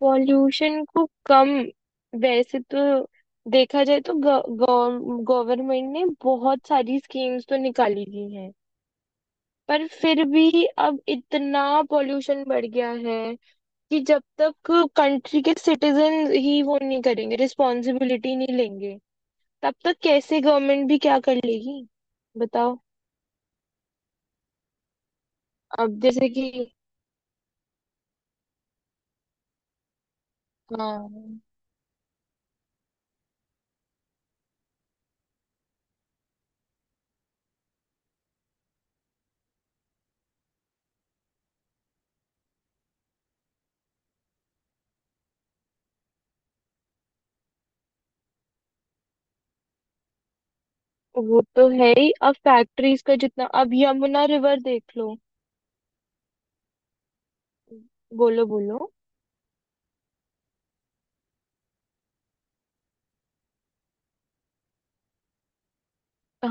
Pollution को कम। वैसे तो देखा जाए तो गवर्नमेंट ने बहुत सारी स्कीम्स तो निकाली दी हैं। पर फिर भी अब इतना पॉल्यूशन बढ़ गया है कि जब तक कंट्री के सिटीजन ही वो नहीं करेंगे, रिस्पॉन्सिबिलिटी नहीं लेंगे, तब तक कैसे गवर्नमेंट भी क्या कर लेगी, बताओ। अब जैसे कि, हाँ वो तो है ही। अब फैक्ट्रीज का जितना, अब यमुना रिवर देख लो। बोलो बोलो।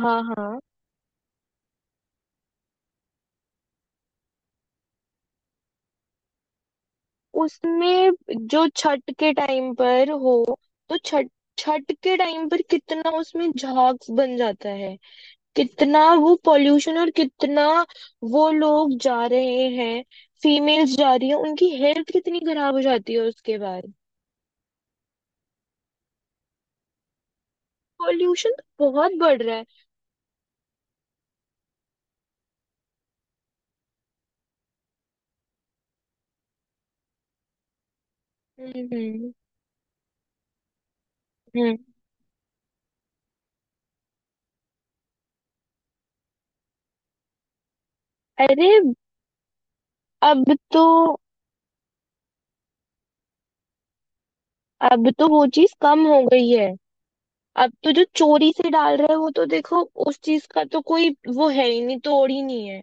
हाँ हाँ, उसमें जो छठ के टाइम पर हो तो छठ छठ के टाइम पर कितना उसमें झाग बन जाता है, कितना वो पॉल्यूशन, और कितना वो लोग जा रहे हैं। फीमेल्स जा रही हैं, उनकी हेल्थ कितनी खराब हो जाती है उसके बाद। पॉल्यूशन तो बहुत बढ़ रहा है। हम्म हम्म हम्म। अरे अब तो अब तो वो चीज कम हो गई है। अब तो जो चोरी से डाल रहा है वो तो देखो, उस चीज का तो कोई वो है ही नहीं, तोड़ ही नहीं है।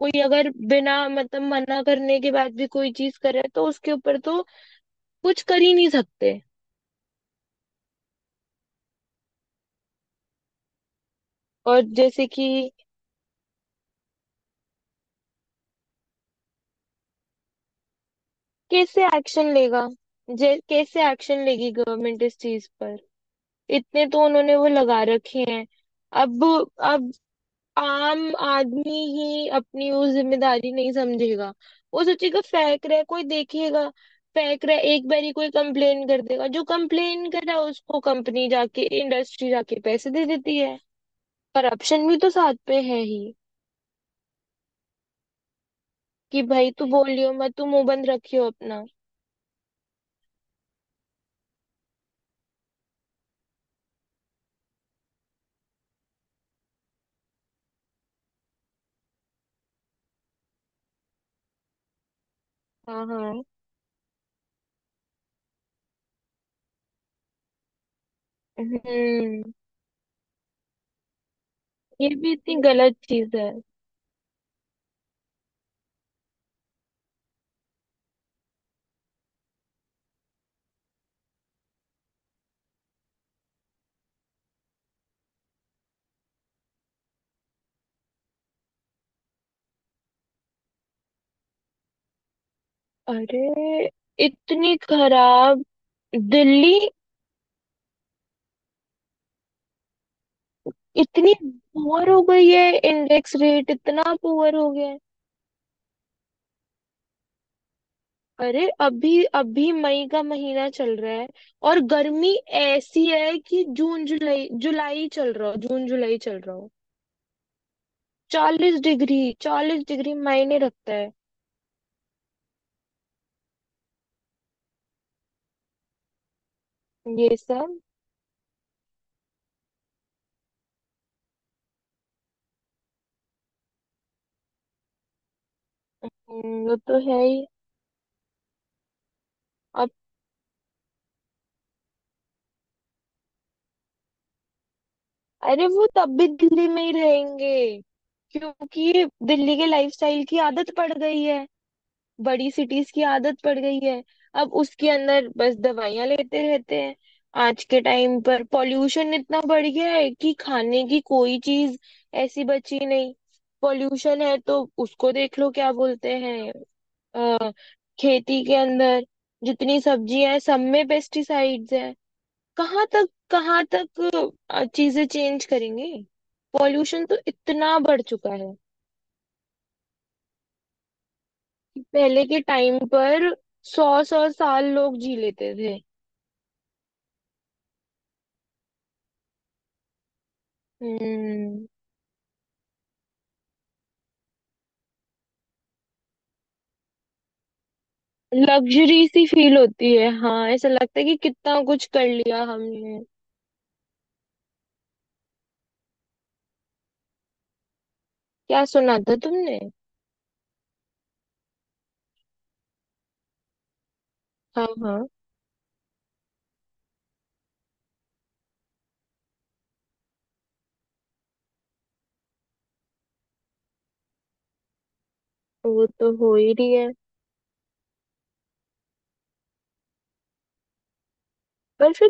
कोई अगर बिना मतलब मना करने के बाद भी कोई चीज करे तो उसके ऊपर तो कुछ कर ही नहीं सकते। और जैसे कि कैसे एक्शन लेगा, जे कैसे एक्शन लेगी गवर्नमेंट इस चीज पर। इतने तो उन्होंने वो लगा रखे हैं। अब अब आम आदमी ही अपनी वो जिम्मेदारी नहीं समझेगा। वो सोचेगा फेंक रहा है, कोई देखेगा। फेंक रहा है एक बारी, कोई कंप्लेन कर देगा। जो कंप्लेन कर रहा है उसको कंपनी जाके, इंडस्ट्री जाके पैसे दे देती है। करप्शन भी तो साथ पे है ही। कि भाई तू बोलियो मत, तू मुंह बंद रखियो अपना। हाँ हाँ। हम्म। ये भी इतनी गलत चीज है। अरे इतनी खराब दिल्ली। इतनी पुअर हो गई है इंडेक्स रेट, इतना पुअर हो गया है। अरे अभी अभी मई का महीना चल रहा है, और गर्मी ऐसी है कि जून जुलाई, जुलाई चल रहा हो, जून जुलाई चल रहा हो। 40 डिग्री, 40 डिग्री मायने रखता है। ये सब। वो तो है ही। अब। अरे वो तब भी दिल्ली में ही रहेंगे क्योंकि दिल्ली के लाइफस्टाइल की आदत पड़ गई है। बड़ी सिटीज की आदत पड़ गई है। अब उसके अंदर बस दवाइयां लेते रहते हैं। आज के टाइम पर पॉल्यूशन इतना बढ़ गया है कि खाने की कोई चीज ऐसी बची नहीं। पॉल्यूशन है तो उसको देख लो, क्या बोलते हैं, अ, खेती के अंदर जितनी सब्जियां हैं सब में पेस्टिसाइड्स हैं। कहाँ तक, कहाँ तक चीजें चेंज करेंगे। पॉल्यूशन तो इतना बढ़ चुका है कि पहले के टाइम पर सौ सौ साल लोग जी लेते थे। हम्म। लग्जरी सी फील होती है, हाँ। ऐसा लगता है कि कितना कुछ कर लिया हमने। क्या सुना था तुमने? हाँ हाँ। वो तो हो ही रही है। पर फिर,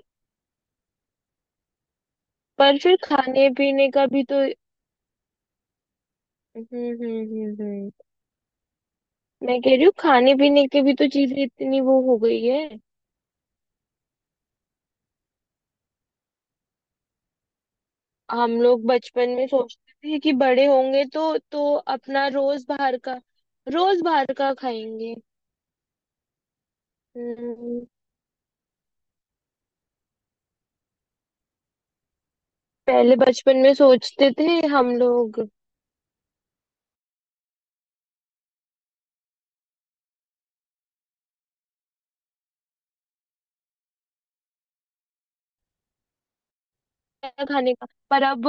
पर फिर खाने पीने का भी तो। हम्म। मैं कह रही हूँ, खाने पीने की भी तो चीजें इतनी वो हो गई है। हम लोग बचपन में सोचते थे कि बड़े होंगे तो अपना रोज बाहर का, रोज बाहर का खाएंगे। हम्म। पहले बचपन में सोचते थे हम लोग। है खाने का, पर अब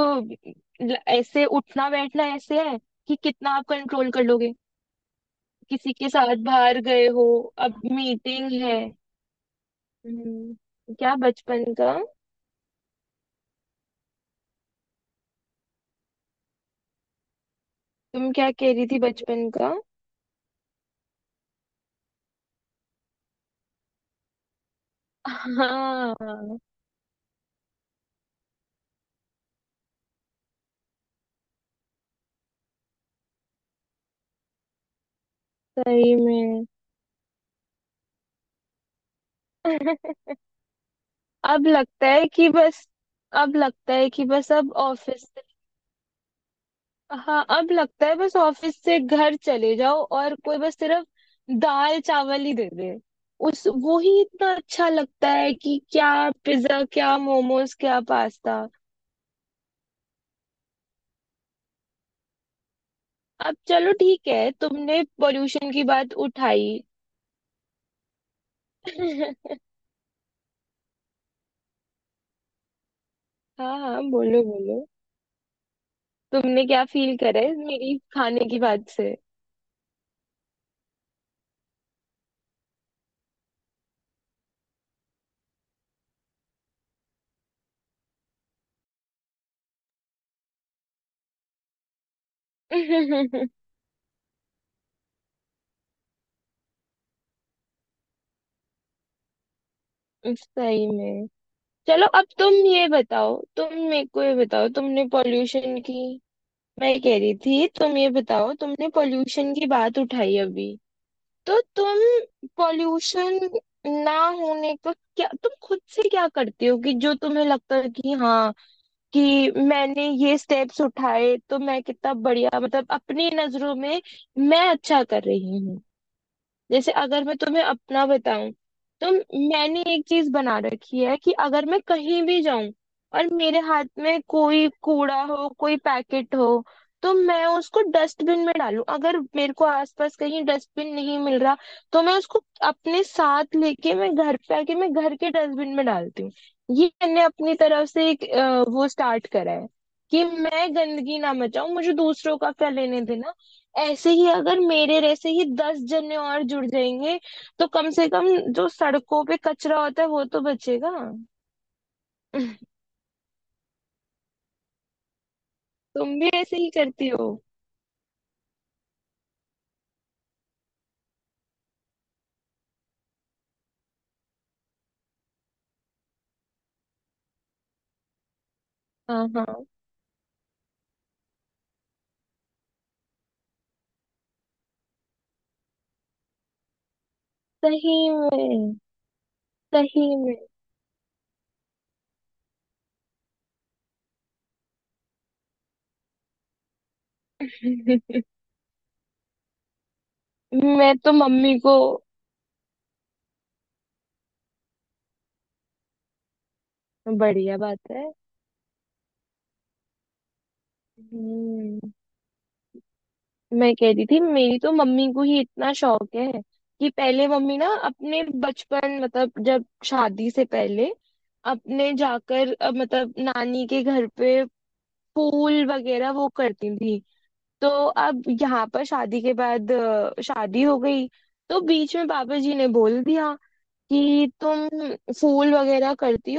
ऐसे उठना बैठना ऐसे है कि कितना आप कंट्रोल कर लोगे। किसी के साथ बाहर गए हो, अब मीटिंग है। क्या बचपन का। तुम क्या कह रही थी बचपन का? हाँ। सही में। अब लगता है कि बस अब लगता है कि बस अब ऑफिस हाँ, अब लगता है बस ऑफिस से घर चले जाओ और कोई बस सिर्फ दाल चावल ही दे दे। उस वो ही इतना अच्छा लगता है कि क्या पिज्जा, क्या मोमोज, क्या पास्ता। अब चलो ठीक है, तुमने पोल्यूशन की बात उठाई। हाँ हाँ, बोलो बोलो। तुमने क्या फील करा है मेरी खाने की बात से? सही में। चलो अब तुम ये बताओ तुम मेरे को ये बताओ, तुमने पोल्यूशन की मैं कह रही थी तुम ये बताओ, तुमने पोल्यूशन की बात उठाई अभी। तो तुम पोल्यूशन ना होने का क्या, तुम खुद से क्या करते हो कि जो तुम्हें लगता है कि, हाँ, कि मैंने ये स्टेप्स उठाए तो मैं कितना बढ़िया, मतलब अपनी नजरों में मैं अच्छा कर रही हूँ। जैसे अगर मैं तुम्हें अपना बताऊं तो मैंने एक चीज बना रखी है कि अगर मैं कहीं भी जाऊं और मेरे हाथ में कोई कूड़ा हो, कोई पैकेट हो, तो मैं उसको डस्टबिन में डालूं। अगर मेरे को आसपास कहीं डस्टबिन नहीं मिल रहा तो मैं उसको अपने साथ लेके, मैं घर पे आके मैं घर के डस्टबिन में डालती हूँ। ये मैंने अपनी तरफ से एक वो स्टार्ट करा है, कि मैं गंदगी ना मचाऊं, मुझे दूसरों का क्या लेने देना। ऐसे ही अगर मेरे जैसे ही 10 जने और जुड़ जाएंगे तो कम से कम जो सड़कों पे कचरा होता है वो तो बचेगा। तुम भी ऐसे ही करती हो? हाँ हाँ। सही में, सही में। मैं तो मम्मी को, बढ़िया बात है। हम्म। मैं कह रही थी, मेरी तो मम्मी को ही इतना शौक है कि पहले मम्मी ना अपने बचपन, मतलब जब शादी से पहले अपने जाकर, मतलब नानी के घर पे पूल वगैरह वो करती थी। तो अब यहाँ पर शादी के बाद, शादी हो गई तो बीच में पापा जी ने बोल दिया कि तुम फूल वगैरह करती